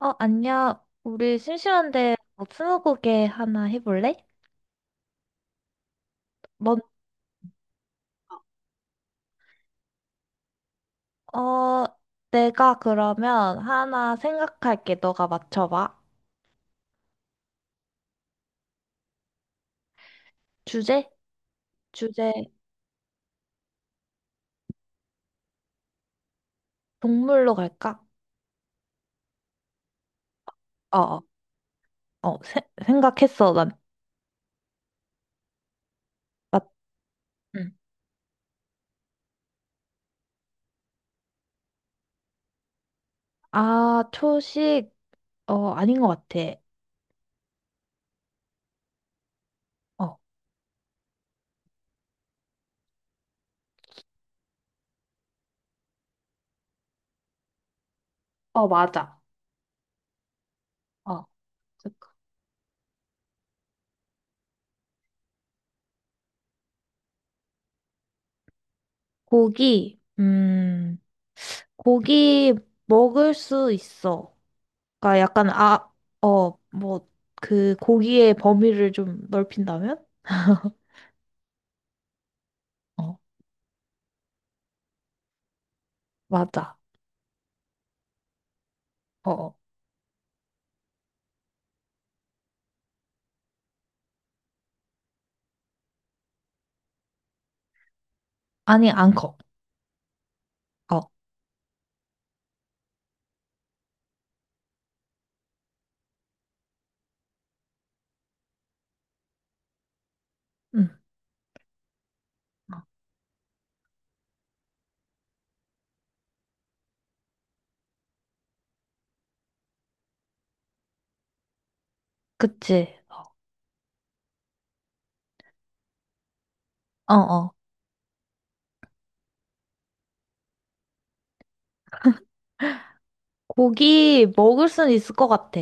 안녕. 우리 심심한데 뭐 스무고개 하나 해볼래? 뭔 어, 내가 그러면 하나 생각할게. 너가 맞춰봐. 주제? 주제 동물로 갈까? 어, 어, 생각했어. 난, 맞, 응. 아, 초식, 아닌 것 같아. 어, 맞아. 어. 잠깐. 고기, 고기 먹을 수 있어. 그러니까 약간 아, 뭐 그 고기의 범위를 좀 넓힌다면? 어, 맞아. 어, 어. 아니, 안 커. 어, 응. 어. 그치. 어, 어, 고기 먹을 수는 있을 것 같아.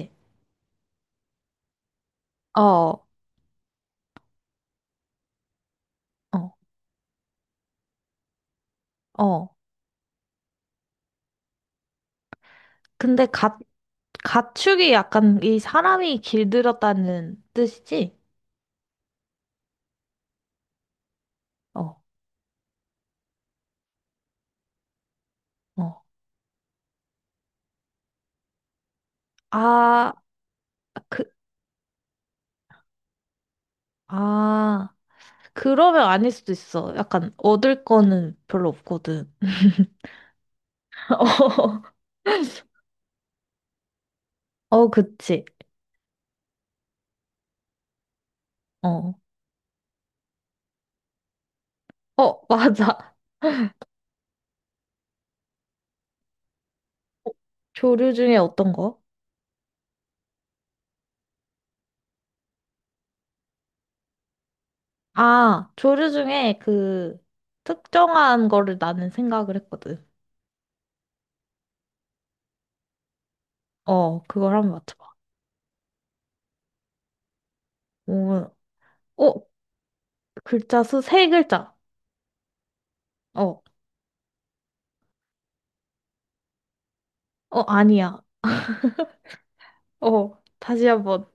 어, 어, 어. 근데 가축이 약간 이 사람이 길들였다는 뜻이지? 어, 어. 아, 그, 아, 그러면 아닐 수도 있어. 약간 얻을 거는 별로 없거든. 어, 어, 그치. 어. 어, 맞아. 조류 중에 어떤 거? 아, 조류 중에 그 특정한 거를 나는 생각을 했거든. 어, 그걸 한번 맞춰봐. 오, 어, 글자 수 세 글자. 어, 어, 아니야. 어, 다시 한번.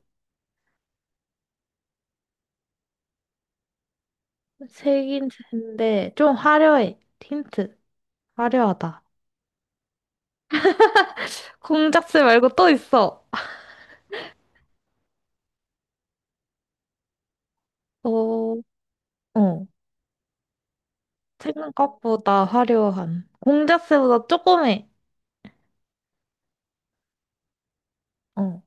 세 글자인데 좀 화려해. 힌트. 화려하다. 공작새 말고 또 있어. 어, 어. 생각보다 화려한. 공작새보다 조금 해. 어.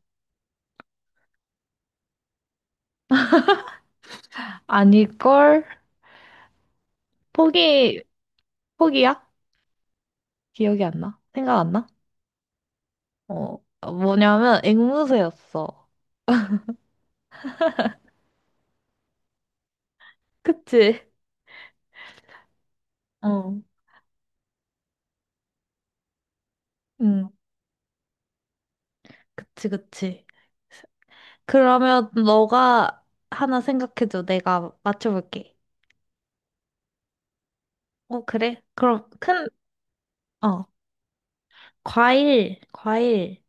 아닐걸? 포기, 포기야? 기억이 안 나? 생각 안 나? 어, 뭐냐면 앵무새였어. 그치? 어. 응, 그치, 그치. 그러면 너가 하나 생각해줘. 내가 맞춰볼게. 어, 그래? 그럼 큰, 어, 과일, 과일.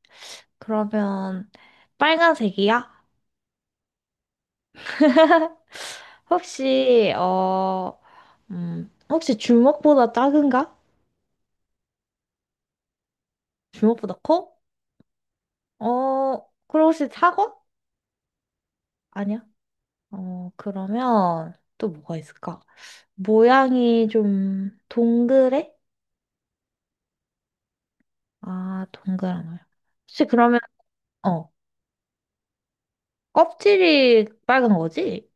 그러면 빨간색이야? 혹시, 혹시 주먹보다 작은가? 주먹보다 커? 어, 그럼 혹시 사과? 아니야. 어, 그러면 또 뭐가 있을까? 모양이 좀 동그래? 아, 동그란 거야. 혹시 그러면, 어, 껍질이 빨간 거지?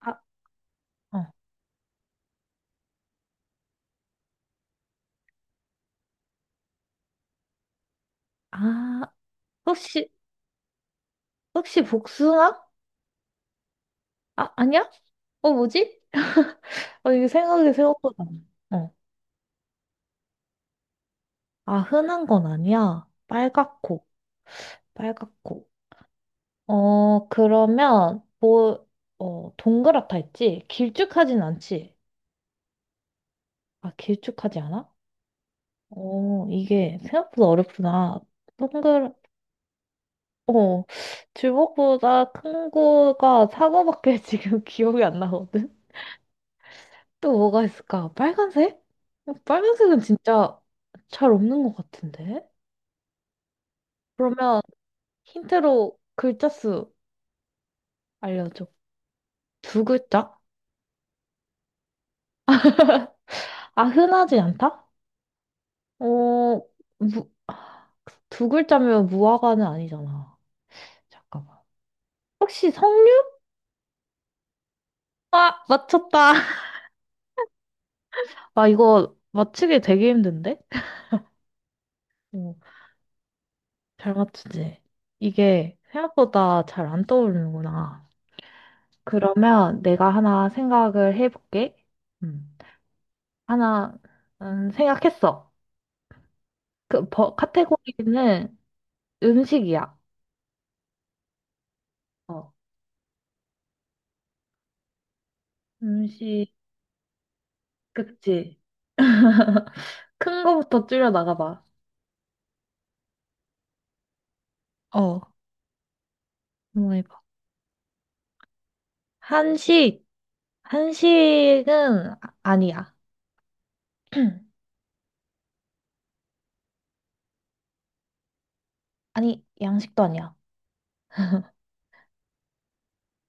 아, 어. 아, 혹시, 혹시 복숭아? 아, 아니야? 어, 뭐지? 어, 이거 생각이 생각보다. 안 나. 어. 아, 흔한 건 아니야. 빨갛고, 빨갛고. 어, 그러면, 뭐, 동그랗다 했지? 길쭉하진 않지? 아, 길쭉하지 않아? 어, 이게 생각보다 어렵구나. 동글, 어, 주먹보다 큰 거가 사과밖에 지금 기억이 안 나거든? 또 뭐가 있을까? 빨간색? 어, 빨간색은 진짜 잘 없는 것 같은데? 그러면 힌트로 글자 수 알려줘. 두 글자? 아, 흔하지 않다? 어, 아, 두 글자면 무화과는 아니잖아. 잠깐만. 혹시 석류? 아, 맞췄다. 아, 이거 맞히기 되게 힘든데? 어, 잘 맞추지? 이게 생각보다 잘 안 떠오르는구나. 그러면 내가 하나 생각을 해볼게. 음, 하나, 생각했어. 그, 버, 카테고리는 음식이야. 어, 음식, 그치? 큰 거부터 줄여 나가봐. 어, 한번 해봐. 한식, 아니야. 아니, 양식도 아니야.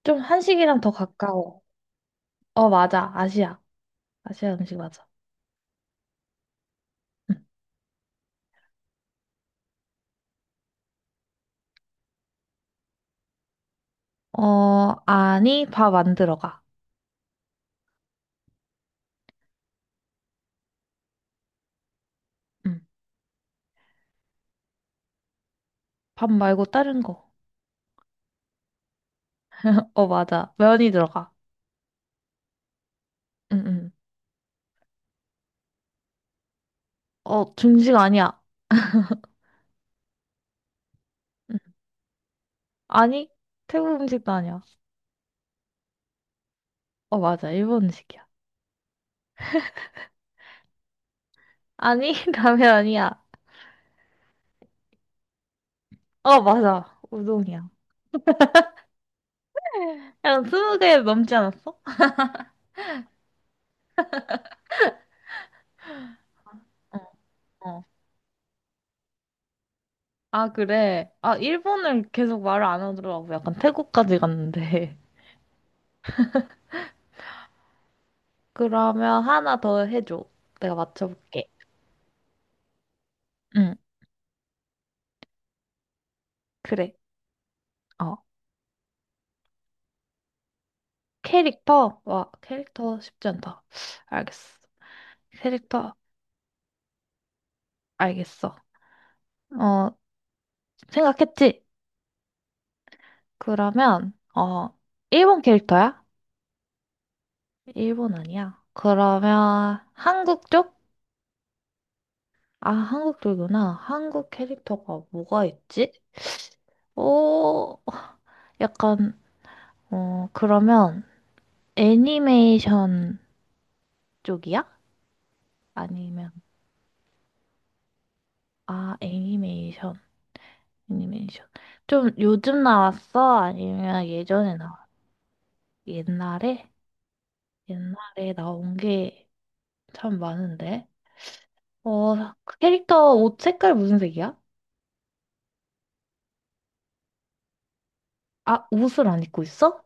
좀 한식이랑 더 가까워. 어, 맞아. 아시아. 아시아 음식 맞아. 응. 어, 아니, 밥 안 들어가. 응. 밥 말고 다른 거. 어, 맞아. 면이 들어가. 응, 응. 어, 중식 아니야. 응. 아니, 태국 음식도 아니야. 어, 맞아. 일본 음식이야. 아니, 라면 아니야. 어, 맞아. 우동이야. 약간 스무 개 넘지 않았어? 어. 어. 아, 그래. 아, 일본을 계속 말을 안 하더라고. 약간 태국까지 갔는데. 그러면 하나 더 해줘. 내가 맞춰볼게. 응, 그래. 어. 캐릭터? 와, 캐릭터 쉽지 않다. 알겠어. 캐릭터, 알겠어. 어, 생각했지? 그러면, 일본 캐릭터야? 일본 아니야. 그러면, 한국 쪽? 아, 한국 쪽이구나. 한국 캐릭터가 뭐가 있지? 오, 약간, 어, 그러면, 애니메이션 쪽이야? 아니면, 아, 애니메이션, 애니메이션. 좀 요즘 나왔어? 아니면 예전에 나왔어? 옛날에? 옛날에 나온 게 참 많은데. 어, 그 캐릭터 옷 색깔 무슨 색이야? 아, 옷을 안 입고 있어?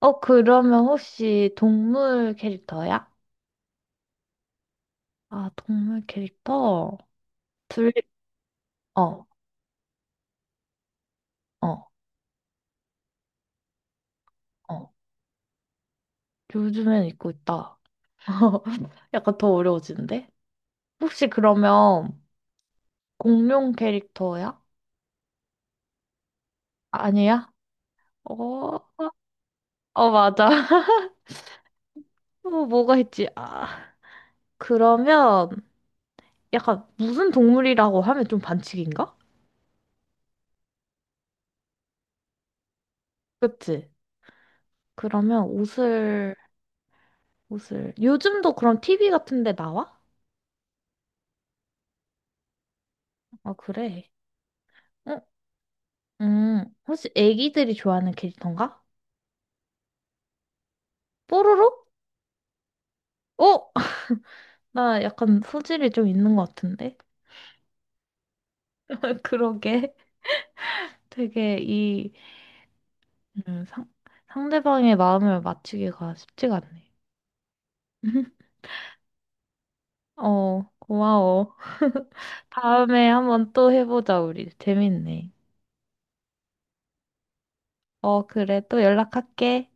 어, 그러면 혹시 동물 캐릭터야? 아, 동물 캐릭터? 둘, 어, 어, 어. 요즘엔 입고 있다. 약간 더 어려워지는데? 혹시 그러면 공룡 캐릭터야? 아니야? 어, 맞아. 어, 뭐가 있지? 아. 그러면 약간 무슨 동물이라고 하면 좀 반칙인가? 그치? 그러면 옷을. 요즘도 그럼 TV 같은 데 나와? 아, 그래. 응, 혹시 애기들이 좋아하는 캐릭터인가? 뽀로로? 어? 나 약간 소질이 좀 있는 것 같은데? 그러게. 되게 이, 음, 상, 상대방의 마음을 맞추기가 쉽지가 않네. 어, 고마워. 다음에 한번 또 해보자, 우리. 재밌네. 어, 그래. 또 연락할게.